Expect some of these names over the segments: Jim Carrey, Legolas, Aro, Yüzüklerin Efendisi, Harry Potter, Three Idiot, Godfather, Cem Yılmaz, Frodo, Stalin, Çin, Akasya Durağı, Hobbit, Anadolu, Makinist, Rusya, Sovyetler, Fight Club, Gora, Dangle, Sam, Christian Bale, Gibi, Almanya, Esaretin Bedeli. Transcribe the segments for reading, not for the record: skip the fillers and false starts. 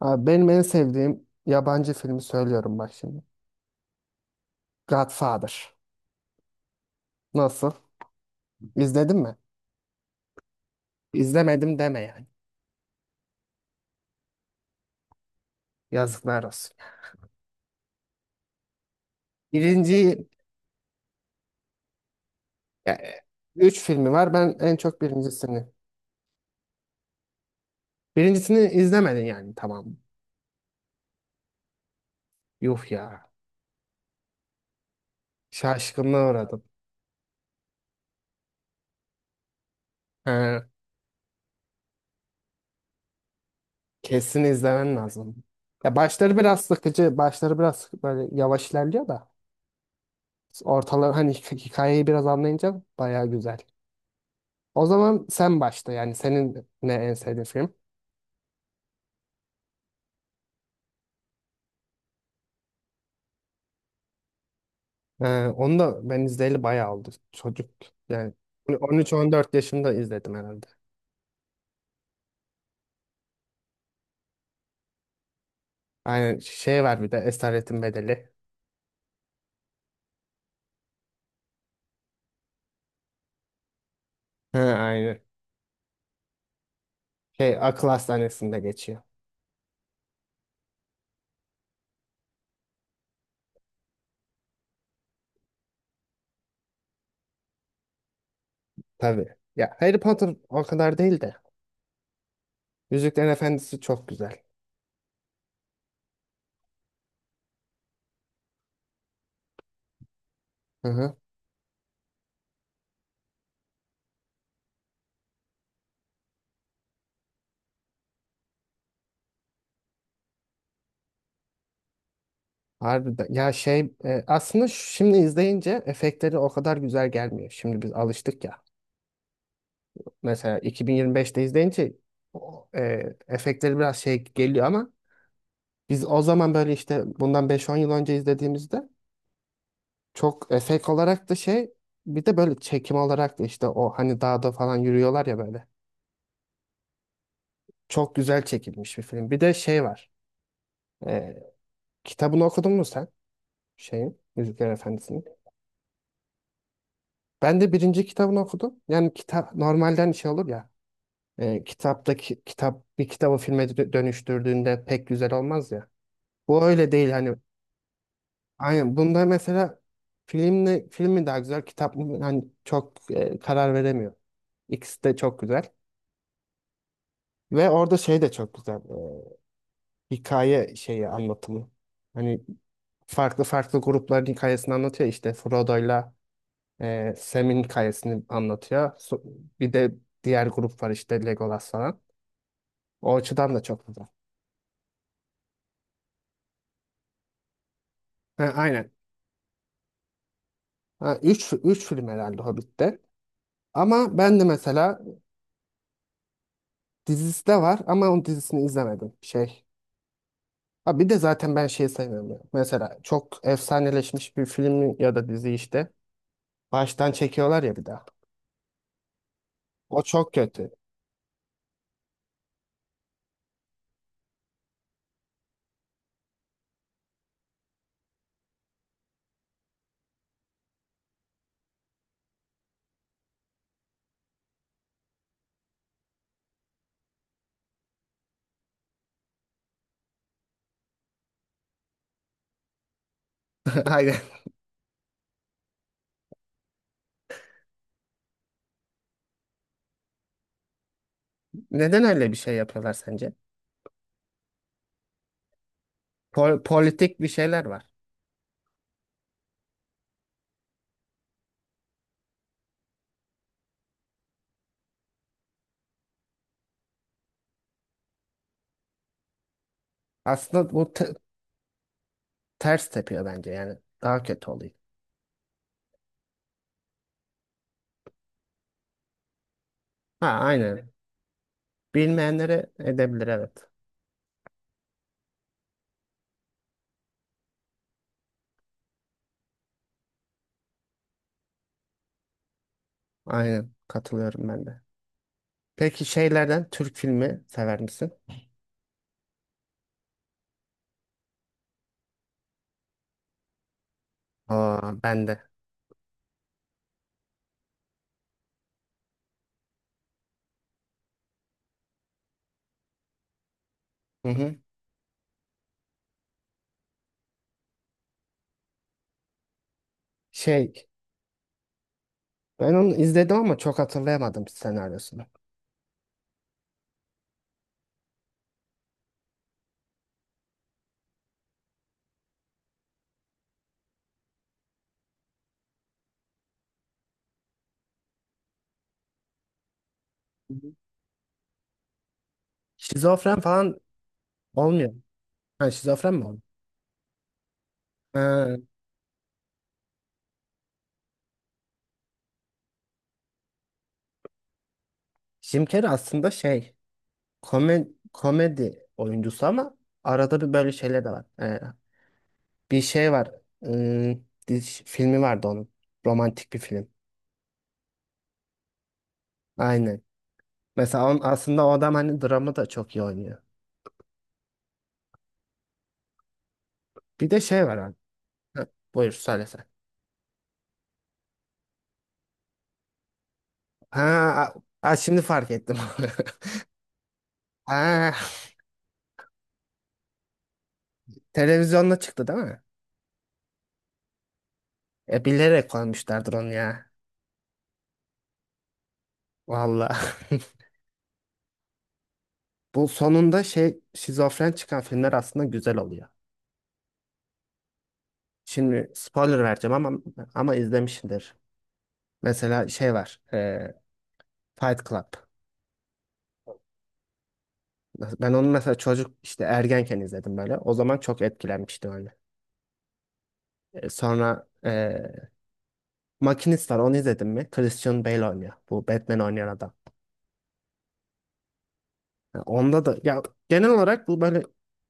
Abi benim en sevdiğim yabancı filmi söylüyorum bak şimdi. Godfather. Nasıl? İzledin mi? İzlemedim deme yani. Yazıklar olsun. Birinci, ya, üç filmi var. Ben en çok birincisini. Birincisini izlemedin yani, tamam. Yuh ya. Şaşkınlığa uğradım. He, kesin izlemen lazım. Ya başları biraz sıkıcı. Başları biraz böyle yavaş ilerliyor da. Ortaları hani hikayeyi biraz anlayınca baya güzel. O zaman sen başla, yani senin ne en sevdiğin film? Onu da ben izleyeli bayağı oldu. Çocuk yani, 13-14 yaşında izledim herhalde. Aynen, şey var bir de Esaretin Bedeli. Ha, aynen. Şey, akıl hastanesinde geçiyor. Tabii. Ya Harry Potter o kadar değil de. Yüzüklerin Efendisi çok güzel. Hı hı. Harbiden. Ya şey aslında şimdi izleyince efektleri o kadar güzel gelmiyor. Şimdi biz alıştık ya. Mesela 2025'te izleyince o, efektleri biraz şey geliyor ama biz o zaman böyle işte bundan beş on yıl önce izlediğimizde çok efekt olarak da şey, bir de böyle çekim olarak da işte o hani dağda falan yürüyorlar ya böyle. Çok güzel çekilmiş bir film. Bir de şey var. E, kitabını okudun mu sen? Şeyin, Yüzükler Efendisi'nin. Ben de birinci kitabını okudum. Yani kitap normalden şey olur ya. Kitap bir kitabı filme dönüştürdüğünde pek güzel olmaz ya. Bu öyle değil hani. Aynen bunda mesela film mi daha güzel, kitap mı, hani çok karar veremiyor. İkisi de çok güzel ve orada şey de çok güzel, hikaye şeyi anlatımı. Hani farklı farklı grupların hikayesini anlatıyor işte Frodo'yla Sam'in hikayesini anlatıyor. Bir de diğer grup var işte Legolas falan. O açıdan da çok güzel. Ha, aynen. Ha, üç film herhalde Hobbit'te. Ama ben de mesela dizisi de var ama onun dizisini izlemedim. Ha, bir de zaten ben şeyi sevmiyorum ya. Mesela çok efsaneleşmiş bir film ya da dizi işte. Baştan çekiyorlar ya bir daha. O çok kötü. Aynen. Neden öyle bir şey yapıyorlar sence? Politik bir şeyler var. Aslında bu ters tepiyor bence yani. Daha kötü oluyor. Ha, aynen. Bilmeyenlere edebilir, evet. Aynen. Katılıyorum ben de. Peki şeylerden Türk filmi sever misin? Aa, ben de. Hı hı. Şey, ben onu izledim ama çok hatırlayamadım senaryosunu. Şizofren falan olmuyor. Ha, şizofren mi oldu? Ha, Jim Carrey aslında şey komedi oyuncusu ama arada bir böyle şeyler de var. Bir şey var. Ee, filmi vardı onun. Romantik bir film. Aynen. Mesela aslında o adam hani dramı da çok iyi oynuyor. Bir de şey var abi. Ha, buyur söyle sen. Ha, şimdi fark ettim. Ha, televizyonda çıktı değil mi? Bilerek koymuşlardır onu ya. Vallahi. Bu sonunda şey şizofren çıkan filmler aslında güzel oluyor. Şimdi spoiler vereceğim ama izlemişsindir. Mesela şey var. Fight Club. Ben onu mesela çocuk işte ergenken izledim böyle. O zaman çok etkilenmiştim öyle. Sonra Makinist var, onu izledim mi? Christian Bale oynuyor. Bu Batman oynayan adam. Ya onda da, ya genel olarak bu böyle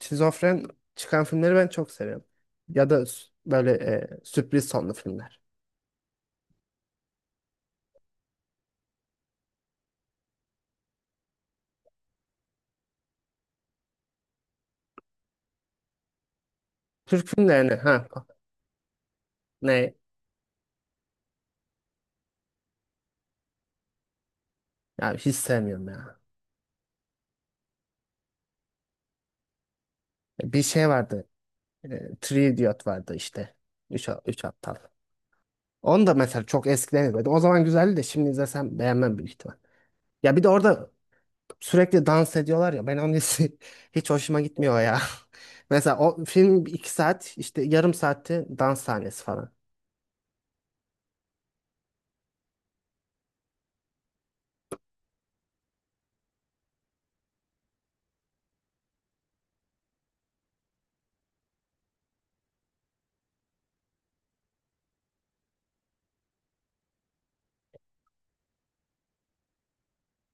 şizofren çıkan filmleri ben çok seviyorum. Ya da böyle sürpriz sonlu filmler. Türk filmlerini, ha, ne, ya hiç sevmiyorum ya. Bir şey vardı. Three Idiot vardı işte. Üç aptal. Onu da mesela çok eskiden izledim. O zaman güzeldi de şimdi izlesem beğenmem büyük ihtimal. Ya bir de orada sürekli dans ediyorlar ya. Ben onun hissi hiç hoşuma gitmiyor ya. Mesela o film 2 saat, işte yarım saatte dans sahnesi falan.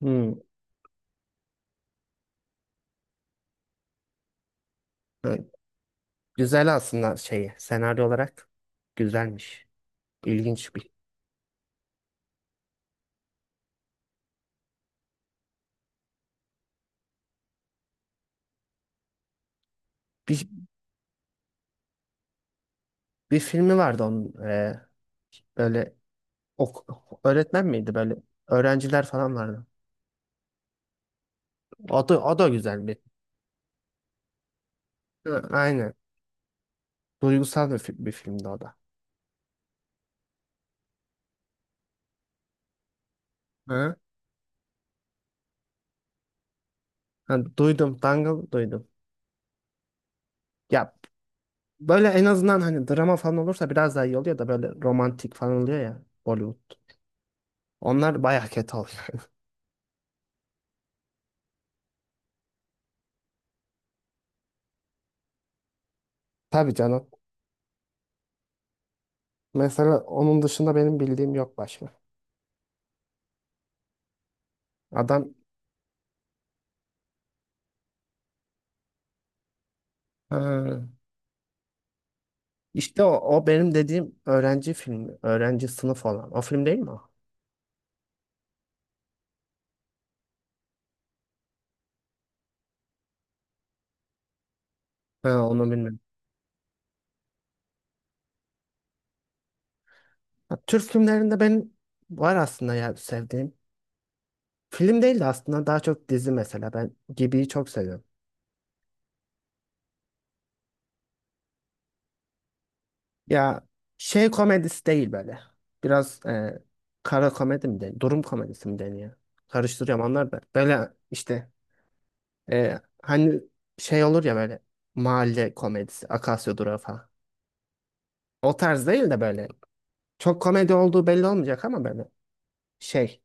Hmm. Ha, güzel aslında şeyi, senaryo olarak güzelmiş. İlginç bir. Bir, bir filmi vardı onun, böyle öğretmen miydi, böyle öğrenciler falan vardı. O da, o da güzel bir. Ha, aynen. Duygusal bir filmdi o da. Hı? Hani duydum, Dangle duydum. Ya böyle en azından hani drama falan olursa biraz daha iyi oluyor da böyle romantik falan oluyor ya Bollywood. Onlar bayağı kötü oluyor. Tabii canım. Mesela onun dışında benim bildiğim yok başka. Adam, ha, işte o benim dediğim öğrenci filmi. Öğrenci sınıf olan. O film değil mi o? Ha, onu bilmiyorum. Ha, Türk filmlerinde benim var aslında, ya sevdiğim. Film değil de aslında daha çok dizi mesela. Ben Gibi'yi çok seviyorum. Ya şey komedisi değil böyle. Biraz kara komedi mi deniyor? Durum komedisi mi deniyor? Karıştırıyorum onlar da. Böyle işte hani şey olur ya böyle, mahalle komedisi, Akasya Durağı falan. O tarz değil de böyle çok komedi olduğu belli olmayacak ama böyle şey,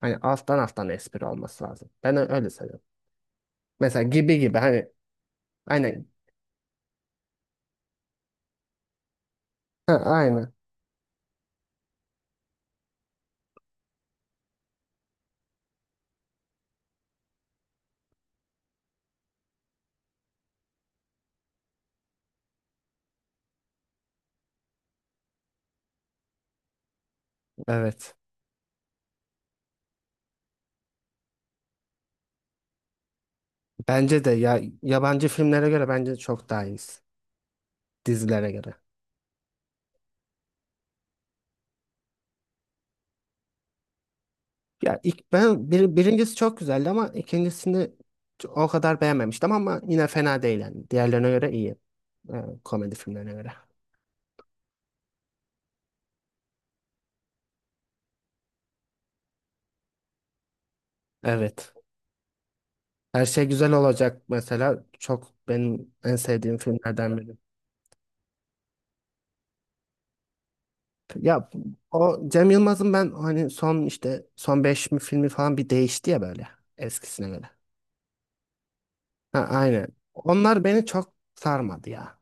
hani alttan alttan espri olması lazım. Ben öyle seviyorum. Mesela gibi gibi hani, aynen. Ha, aynen. Evet. Bence de ya, yabancı filmlere göre bence çok daha iyiyiz. Dizilere göre. Ya ilk ben birincisi çok güzeldi ama ikincisini o kadar beğenmemiştim ama yine fena değil yani. Diğerlerine göre iyi. Ee, komedi filmlerine göre. Evet. Her şey güzel olacak mesela. Çok benim en sevdiğim filmlerden biri. Ya o Cem Yılmaz'ın, ben hani son işte son 5 mi filmi falan, bir değişti ya böyle eskisine göre. Ha, aynen. Onlar beni çok sarmadı ya.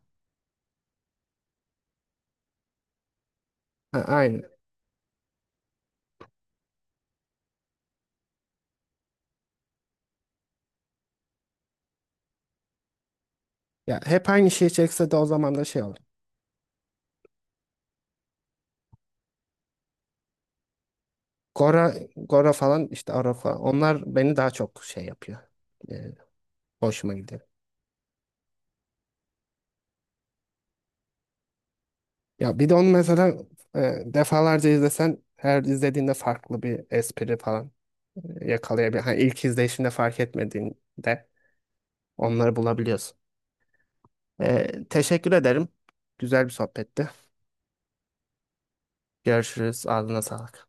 Ha, aynen. Ya hep aynı şeyi çekse de o zaman da şey olur. Gora, Gora falan işte Aro falan. Onlar beni daha çok şey yapıyor. E, hoşuma gidiyor. Ya bir de onu mesela defalarca izlesen her izlediğinde farklı bir espri falan yakalayabilir. Hani ilk izleyişinde fark etmediğinde onları bulabiliyorsun. Teşekkür ederim. Güzel bir sohbetti. Görüşürüz. Ağzına sağlık.